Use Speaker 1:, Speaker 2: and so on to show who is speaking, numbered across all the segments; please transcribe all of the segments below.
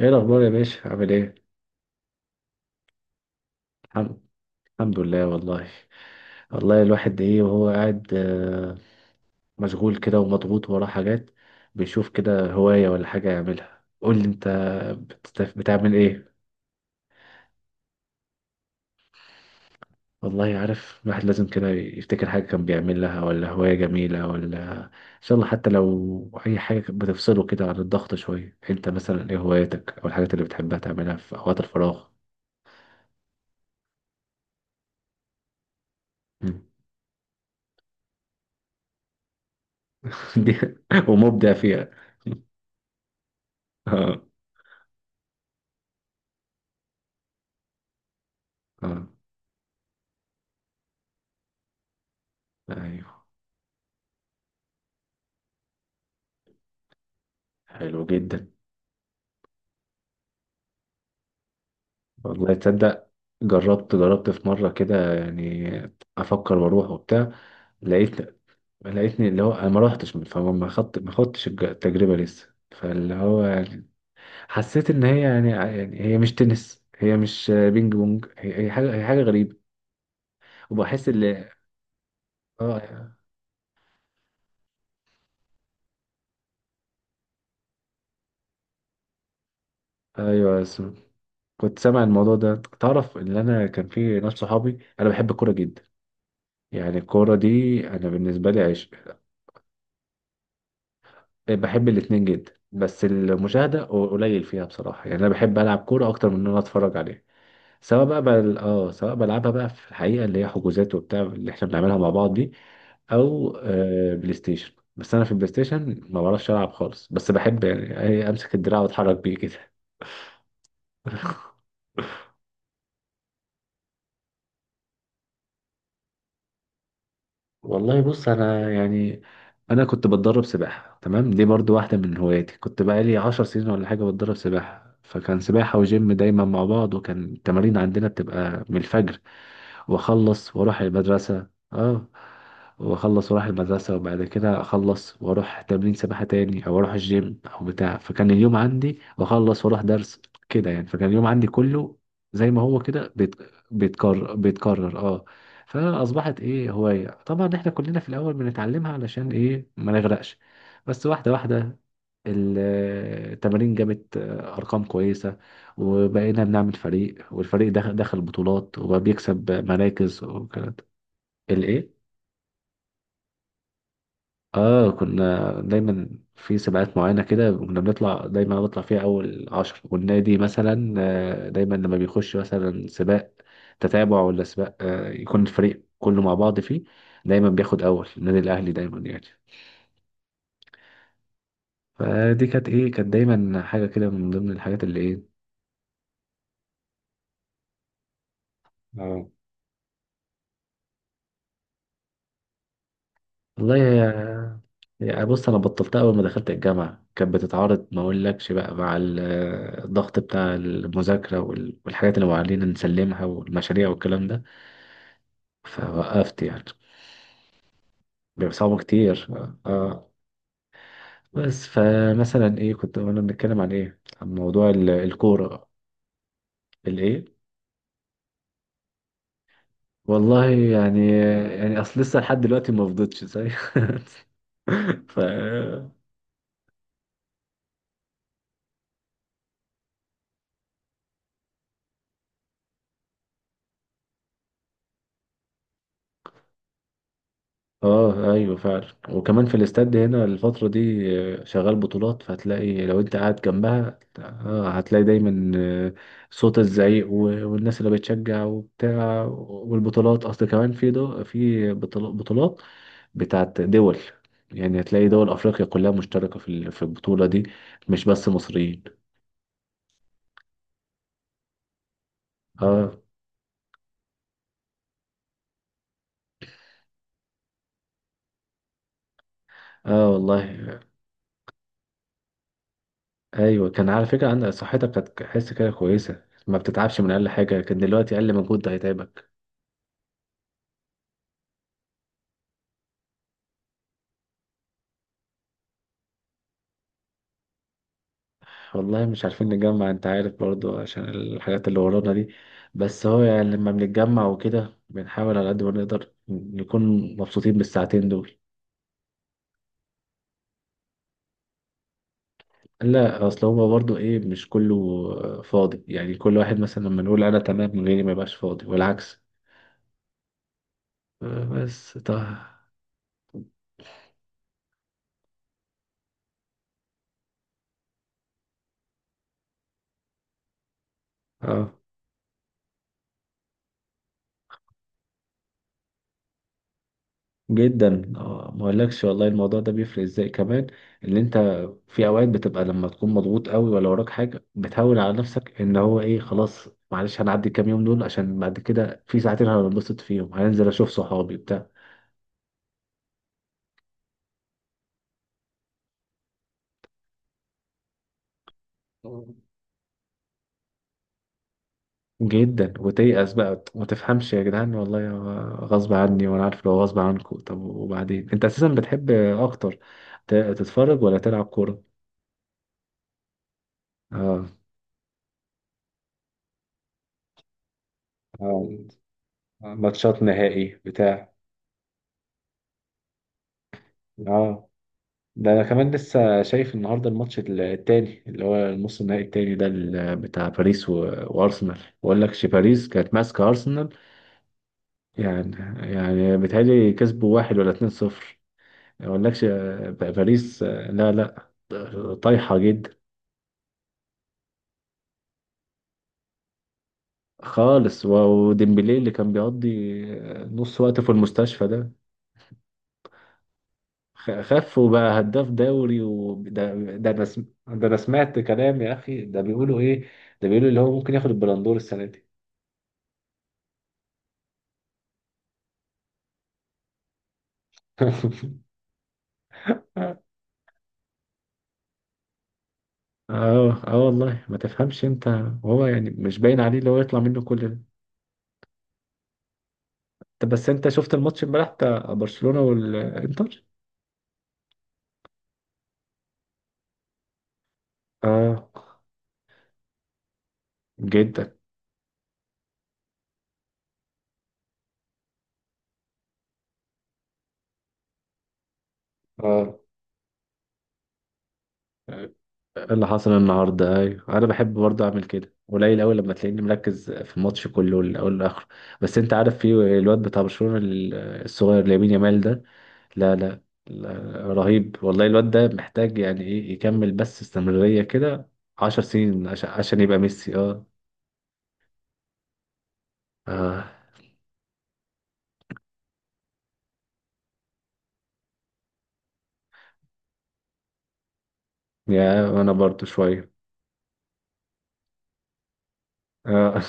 Speaker 1: ايه الاخبار يا باشا، عامل ايه؟ الحمد الحمد لله والله. والله الواحد ايه وهو قاعد، مشغول كده ومضغوط وراه حاجات، بيشوف كده هواية ولا حاجة يعملها. قول لي انت، بتعمل ايه؟ والله عارف، الواحد لازم كده يفتكر حاجة كان بيعملها ولا هواية جميلة، ولا ان شاء الله حتى لو اي حاجة كانت بتفصله كده عن الضغط شوية. انت مثلا ايه هواياتك او الحاجات اللي بتحبها تعملها في اوقات الفراغ؟ دي، ومبدع فيها اه، اه، ايوه، حلو جدا. والله تصدق، جربت في مره كده يعني، افكر واروح وبتاع. لقيت لقيتني اللي هو انا ما روحتش، فما ما خدت ما خدتش التجربه لسه، فاللي هو يعني حسيت ان هي يعني هي مش تنس، هي مش بينج بونج، هي حاجه هي حاجه غريبه، وبحس ان اه، ايوه. كنت سامع الموضوع ده. تعرف ان انا كان في ناس صحابي، انا بحب الكوره جدا، يعني الكوره دي انا بالنسبه لي عشق. بحب الاتنين جدا، بس المشاهدة قليل فيها، بصراحة يعني أنا بحب ألعب كورة أكتر من إن أنا أتفرج عليها. سواء بقى بل... آه سواء بلعبها بقى في الحقيقة، اللي هي حجوزات وبتاع اللي إحنا بنعملها مع بعض دي، أو بلاي ستيشن. بس أنا في البلاي ستيشن ما بعرفش ألعب خالص، بس بحب يعني، أمسك الدراع وأتحرك بيه كده والله بص انا يعني، انا كنت بتدرب سباحه، تمام، دي برضو واحده من هواياتي، كنت بقالي 10 سنين ولا حاجه بتدرب سباحه، فكان سباحه وجيم دايما مع بعض، وكان التمارين عندنا بتبقى من الفجر، واخلص واروح المدرسه، اه، واخلص واروح المدرسه، وبعد كده اخلص واروح تمرين سباحه تاني او اروح الجيم او بتاع، فكان اليوم عندي واخلص واروح درس كده يعني، فكان اليوم عندي كله زي ما هو كده بيتكرر، اه. فاصبحت ايه هوايه، طبعا احنا كلنا في الاول بنتعلمها علشان ايه، ما نغرقش، بس واحده واحده، ال- التمارين جابت ارقام كويسه، وبقينا بنعمل فريق، والفريق ده دخل بطولات وبقى بيكسب مراكز وكده. الايه؟ اه، كنا دايما في سباقات معينة كده، كنا بنطلع دايما، أنا بطلع فيها أول عشر، والنادي مثلا، دايما لما بيخش مثلا سباق تتابع ولا سباق، يكون الفريق كله مع بعض فيه، دايما بياخد أول النادي الأهلي دايما يعني. فدي كانت إيه، كانت دايما حاجة كده من ضمن الحاجات اللي إيه. اه والله يا، بص انا بطلتها اول ما دخلت الجامعه، كانت بتتعارض ما اقولكش بقى مع الضغط بتاع المذاكره والحاجات اللي معلنا نسلمها والمشاريع والكلام ده، فوقفت يعني. بيبقى صعب كتير، اه، آه. بس فمثلا ايه، كنت وانا بنتكلم عن ايه، عن موضوع الكورة. الايه؟ والله يعني، اصل لسه لحد دلوقتي ما فضتش زي ف اه، ايوه فعلا. وكمان في الاستاد هنا الفترة دي، شغال بطولات، فهتلاقي لو انت قاعد جنبها آه، هتلاقي دايما، صوت الزعيق والناس اللي بتشجع وبتاع، والبطولات اصل كمان في بطولات بتاعت دول، يعني هتلاقي دول افريقيا كلها مشتركة في البطولة دي، مش بس مصريين. اه، اه والله، ايوه كان على فكرة عندك صحتك كانت حس كده كويسة، ما بتتعبش من اقل حاجة، كان دلوقتي اقل مجهود ده هيتعبك. والله مش عارفين نجمع، انت عارف برضو عشان الحاجات اللي ورانا دي، بس هو يعني لما بنتجمع وكده بنحاول على قد ما نقدر نكون مبسوطين بالساعتين دول. لا، اصل هو برضو ايه مش كله فاضي، يعني كل واحد مثلا لما نقول انا تمام غيري ما يبقاش فاضي، والعكس. بس طه. اه، جدا، ما اقولكش والله الموضوع ده بيفرق ازاي كمان، اللي انت في اوقات بتبقى لما تكون مضغوط قوي ولا وراك حاجه، بتهون على نفسك ان هو ايه، خلاص معلش هنعدي الكام يوم دول عشان بعد كده في ساعتين هنبسط فيهم، هننزل اشوف صحابي بتاع. مم. جدا وتيأس بقى، ما تفهمش يا جدعان، والله غصب عني، وانا عارف لو غصب عنكم. طب وبعدين، انت اساسا بتحب اكتر تتفرج ولا تلعب كوره؟ اه، ماتشات نهائي بتاع. اه، ده انا كمان لسه شايف النهارده الماتش التاني، اللي هو النص النهائي التاني ده، بتاع باريس وارسنال. بقول لك باريس كانت ماسكه ارسنال يعني، بيتهيألي كسبوا واحد ولا اتنين صفر. ما اقولكش، باريس، لا، لا، طايحه جدا خالص، وديمبلي اللي كان بيقضي، نص وقته في المستشفى ده، خف وبقى هداف دوري، وده ده انا سم- ده انا سمعت كلام يا اخي، ده بيقولوا ايه، ده بيقولوا اللي هو ممكن ياخد البلندور السنه دي اه، اه والله ما تفهمش انت، وهو يعني مش باين عليه اللي هو يطلع منه كل ده. طب بس انت شفت الماتش امبارح بتاع برشلونة والانتر؟ اه، جدا. اه، إيه اللي حصل النهارده؟ ايوه انا بحب برضه اعمل كده، قليل قوي لما تلاقيني مركز في الماتش كله من الاول للاخر. بس انت عارف في الواد بتاع برشلونة الصغير لامين يامال ده. لا، لا، لا، رهيب والله الواد ده، محتاج يعني ايه يكمل بس استمرارية كده 10 سنين، عشان يبقى ميسي، اه. آه. يا انا برضو شويه، اه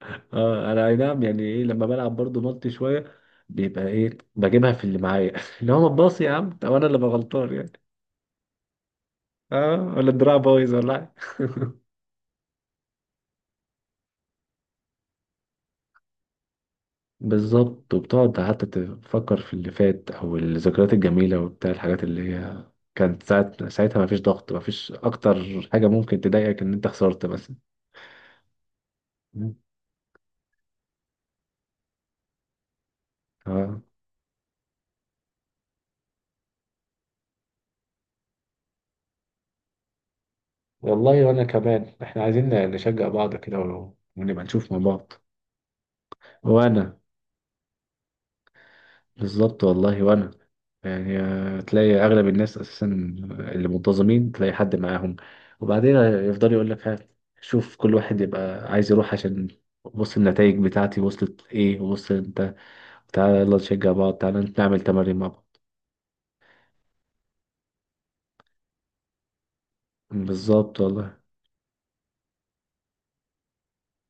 Speaker 1: انا اي نعم يعني ايه، لما بلعب برضو مالتي شويه بيبقى ايه بجيبها في اللي معايا اللي هو ما تباصي يا عم، طب انا اللي ببقى غلطان يعني. اه، ولا الدراع بايظ ولا حاجه. بالظبط، وبتقعد حتى تفكر في اللي فات او الذكريات الجميله وبتاع، الحاجات اللي هي كانت ساعة ساعتها ما فيش ضغط، ما فيش اكتر حاجه ممكن تضايقك ان انت خسرت مثلا. اه، والله، وانا كمان احنا عايزين نشجع بعض كده، ونبقى نشوف مع بعض. وانا بالظبط والله، وانا يعني، تلاقي اغلب الناس اساسا اللي منتظمين تلاقي حد معاهم، وبعدين يفضل يقول لك ها، شوف كل واحد يبقى عايز يروح عشان بص النتائج بتاعتي وصلت ايه، وصل انت، تعالى يلا نشجع بعض، تعالى نعمل تمارين مع بعض. بالظبط والله،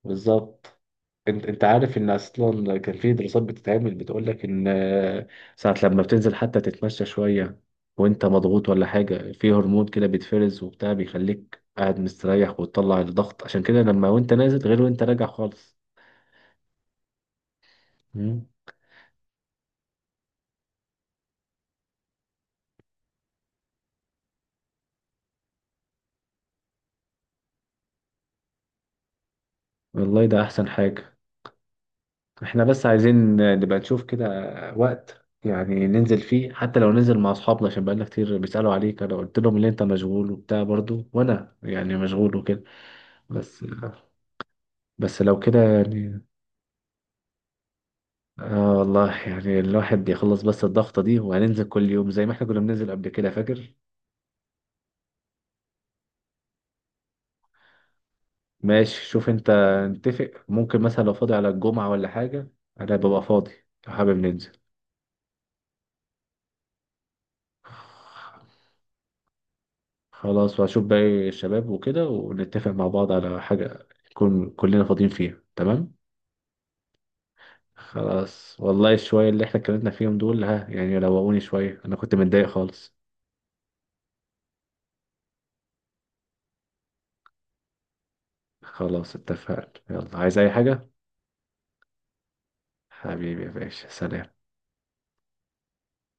Speaker 1: بالظبط. انت عارف ان اصلا كان في دراسات بتتعمل بتقول لك ان، ساعة لما بتنزل حتى تتمشى شوية وانت مضغوط ولا حاجة، في هرمون كده بيتفرز وبتاع، بيخليك قاعد مستريح وتطلع الضغط، عشان كده لما وانت نازل غير وانت راجع خالص. مم. والله ده احسن حاجة. احنا بس عايزين نبقى نشوف كده وقت يعني ننزل فيه، حتى لو ننزل مع اصحابنا، عشان بقالنا كتير بيسألوا عليك، انا قلت لهم ان انت مشغول وبتاع برضو، وانا يعني مشغول وكده. بس، لو كده يعني. اه والله يعني الواحد يخلص بس الضغطة دي، وهننزل كل يوم زي ما احنا كنا بننزل قبل كده فاكر. ماشي، شوف انت، نتفق ممكن مثلا لو فاضي على الجمعة ولا حاجة، انا ببقى فاضي لو حابب ننزل. خلاص، وهشوف باقي الشباب وكده، ونتفق مع بعض على حاجة نكون كلنا فاضيين فيها تمام. خلاص والله، الشوية اللي احنا اتكلمنا فيهم دول ها يعني روقوني شوية، انا كنت متضايق خالص. خلاص اتفقنا، يلا عايز اي حاجة. حبيبي يا باشا، سلام.